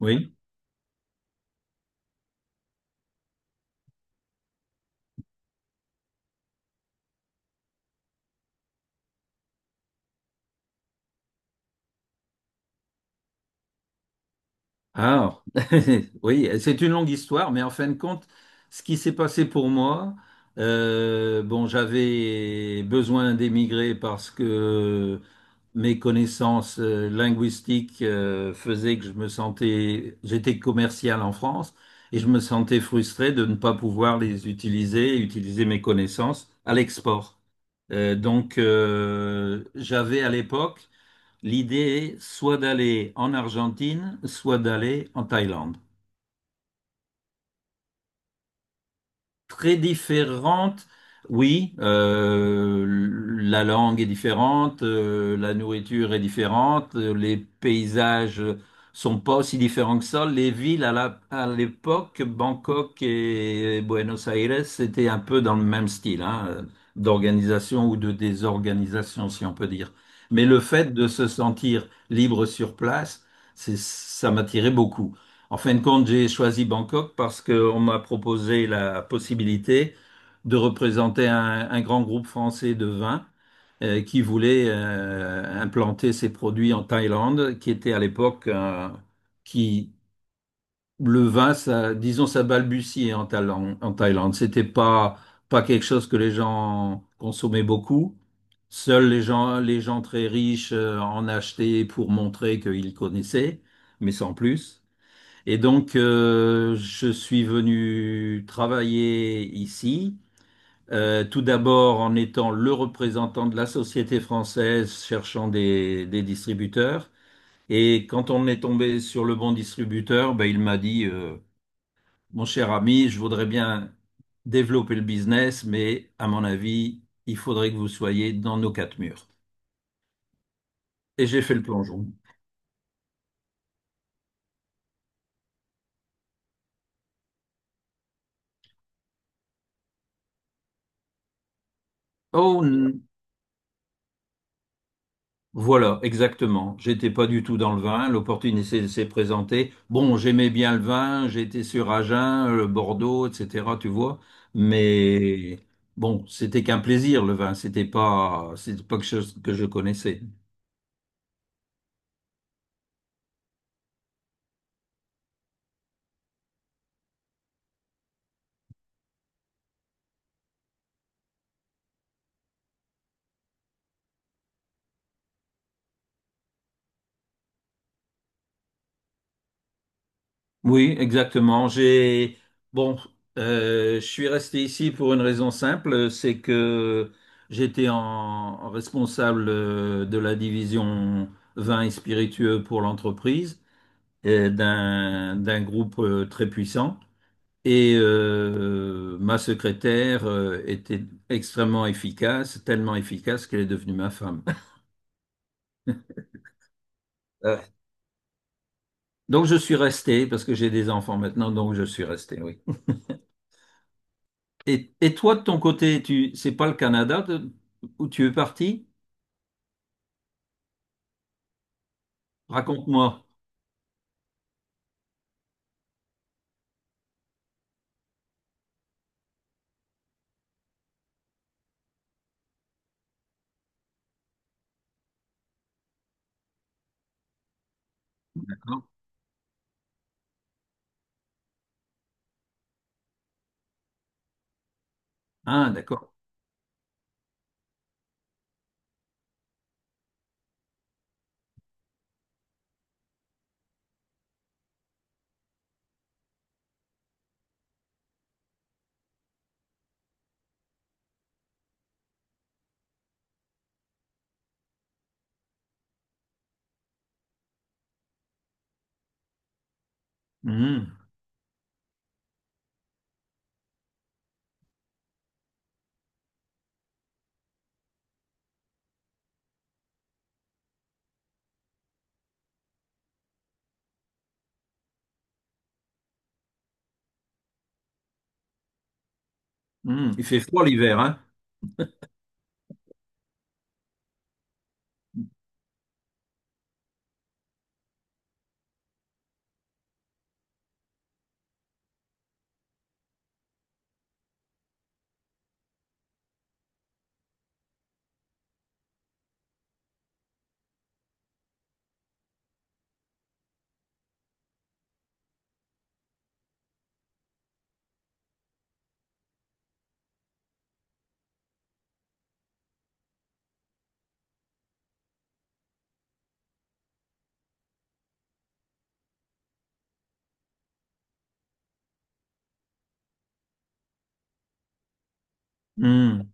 Oui. Ah, oui, c'est une longue histoire, mais en fin de compte, ce qui s'est passé pour moi, j'avais besoin d'émigrer parce que mes connaissances linguistiques faisaient que j'étais commercial en France et je me sentais frustré de ne pas pouvoir les utiliser, utiliser mes connaissances à l'export. J'avais à l'époque l'idée, soit d'aller en Argentine, soit d'aller en Thaïlande. Très différentes. Oui, la langue est différente, la nourriture est différente, les paysages sont pas aussi différents que ça. Les villes à l'époque, Bangkok et Buenos Aires, c'était un peu dans le même style, hein, d'organisation ou de désorganisation, si on peut dire. Mais le fait de se sentir libre sur place, ça m'attirait beaucoup. En fin de compte, j'ai choisi Bangkok parce qu'on m'a proposé la possibilité de représenter un grand groupe français de vin qui voulait implanter ses produits en Thaïlande, qui était à l'époque qui le vin, ça, disons, ça balbutiait en Thaïlande. En Thaïlande, c'était pas pas quelque chose que les gens consommaient beaucoup. Seuls les gens très riches en achetaient pour montrer qu'ils connaissaient, mais sans plus. Et donc, je suis venu travailler ici, tout d'abord en étant le représentant de la société française cherchant des distributeurs. Et quand on est tombé sur le bon distributeur, ben, il m'a dit, mon cher ami, je voudrais bien développer le business, mais à mon avis, il faudrait que vous soyez dans nos quatre murs. Et j'ai fait le plongeon. Oh Voilà, exactement. J'étais pas du tout dans le vin. L'opportunité s'est présentée. Bon, j'aimais bien le vin. J'étais sur Agen, le Bordeaux, etc. Tu vois. Mais bon, c'était qu'un plaisir, le vin. C'était pas quelque chose que je connaissais. Oui, exactement. Bon, je suis resté ici pour une raison simple, c'est que j'étais en responsable de la division vin et spiritueux pour l'entreprise, d'un groupe très puissant. Et ma secrétaire était extrêmement efficace, tellement efficace qu'elle est devenue ma femme. Euh, donc je suis resté parce que j'ai des enfants maintenant, donc je suis resté, oui. Et toi, de ton côté, c'est pas le Canada où tu es parti? Raconte-moi. D'accord. Ah, d'accord. Mhm. Mhm. Il fait froid l'hiver, hein? Mmh.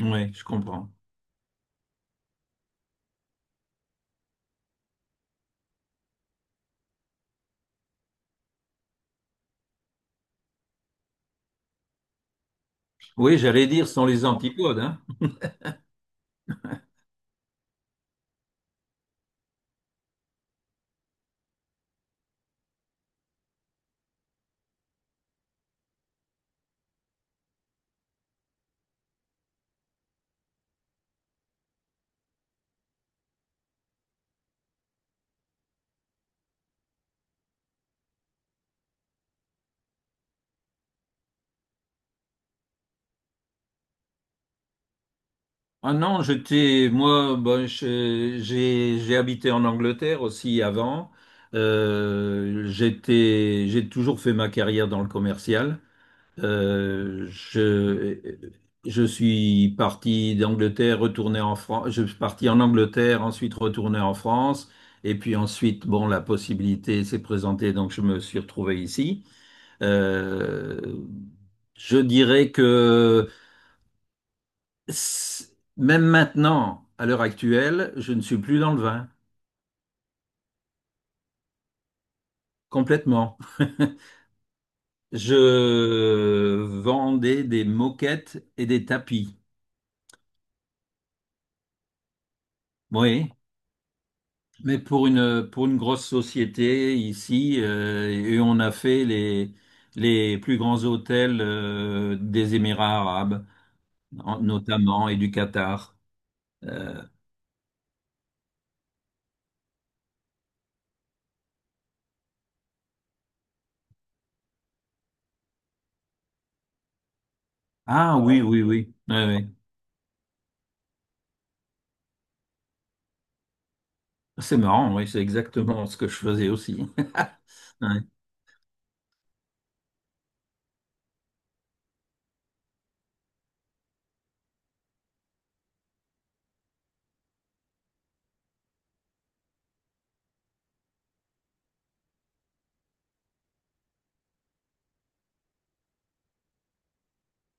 Oui, je comprends. Oui, j'allais dire, ce sont les antipodes, hein. Ah non, j'étais moi, bah, je- j'ai habité en Angleterre aussi avant. J'ai toujours fait ma carrière dans le commercial. Euh, je je suis parti d'Angleterre, retourné en France. Je suis parti en Angleterre, ensuite retourné en France, et puis ensuite, bon, la possibilité s'est présentée, donc je me suis retrouvé ici. Euh, je dirais que c- même maintenant, à l'heure actuelle, je ne suis plus dans le vin, complètement. Je vendais des moquettes et des tapis. Oui, mais pour pour une grosse société ici, et on a fait les plus grands hôtels des Émirats arabes, notamment, et du Qatar. Euh, Ah oui, ouais, oui, oui. Ouais, ouais. C'est marrant, oui, c'est exactement ce que je faisais aussi. Ouais.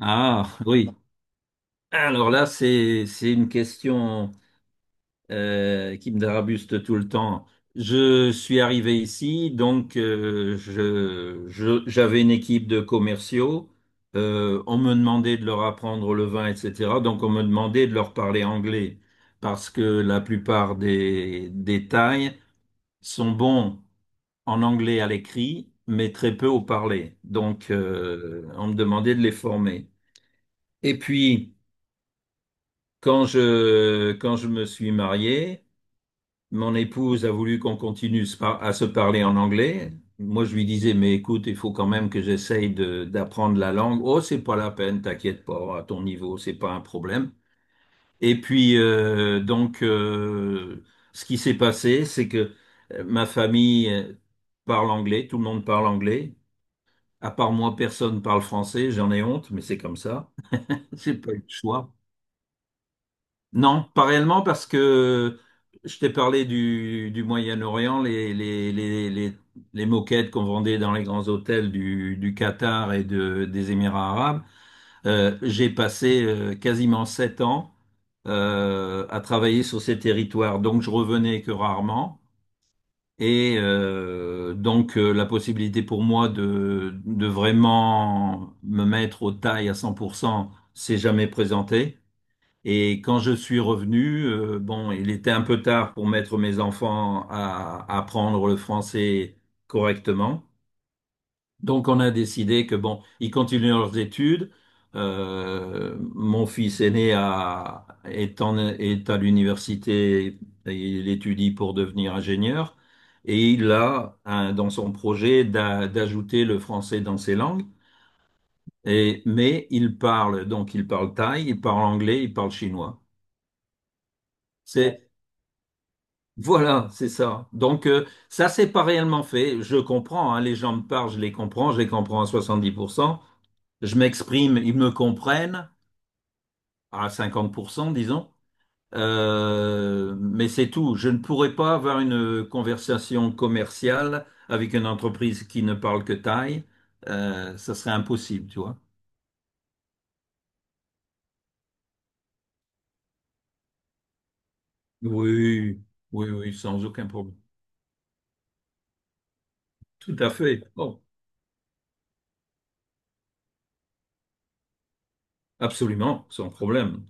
Ah oui. Alors là, c'est une question qui me dérabuste tout le temps. Je suis arrivé ici, donc j'avais une équipe de commerciaux. On me demandait de leur apprendre le vin, etc. Donc on me demandait de leur parler anglais parce que la plupart des Thaïs sont bons en anglais à l'écrit, mais très peu au parler. Donc on me demandait de les former. Et puis... quand je me suis marié, mon épouse a voulu qu'on continue à se parler en anglais. Moi, je lui disais, mais écoute, il faut quand même que d'apprendre la langue. Oh, c'est pas la peine, t'inquiète pas, à ton niveau, c'est pas un problème. Et puis, ce qui s'est passé, c'est que ma famille parle anglais, tout le monde parle anglais. À part moi, personne parle français, j'en ai honte, mais c'est comme ça. C'est pas le choix. Non, pas réellement parce que je t'ai parlé du Moyen-Orient, les moquettes qu'on vendait dans les grands hôtels du Qatar et des Émirats arabes. J'ai passé quasiment 7 ans à travailler sur ces territoires, donc je revenais que rarement. Et la possibilité pour moi de vraiment me mettre aux tailles à 100% s'est jamais présentée. Et quand je suis revenu, bon, il était un peu tard pour mettre mes enfants à apprendre le français correctement. Donc on a décidé que bon, ils continuent leurs études. Mon fils aîné est à l'université, il étudie pour devenir ingénieur et il a dans son projet d'ajouter le français dans ses langues. Mais il parle, donc il parle thaï, il parle anglais, il parle chinois. C'est, Voilà, c'est ça. Donc ça, c'est pas réellement fait. Je comprends, hein, les gens me parlent, je les comprends à 70%. Je m'exprime, ils me comprennent à 50%, disons. Mais c'est tout. Je ne pourrais pas avoir une conversation commerciale avec une entreprise qui ne parle que taille. Ça serait impossible, tu vois. Oui, oui, sans aucun problème. Tout à fait. Bon, absolument, sans problème.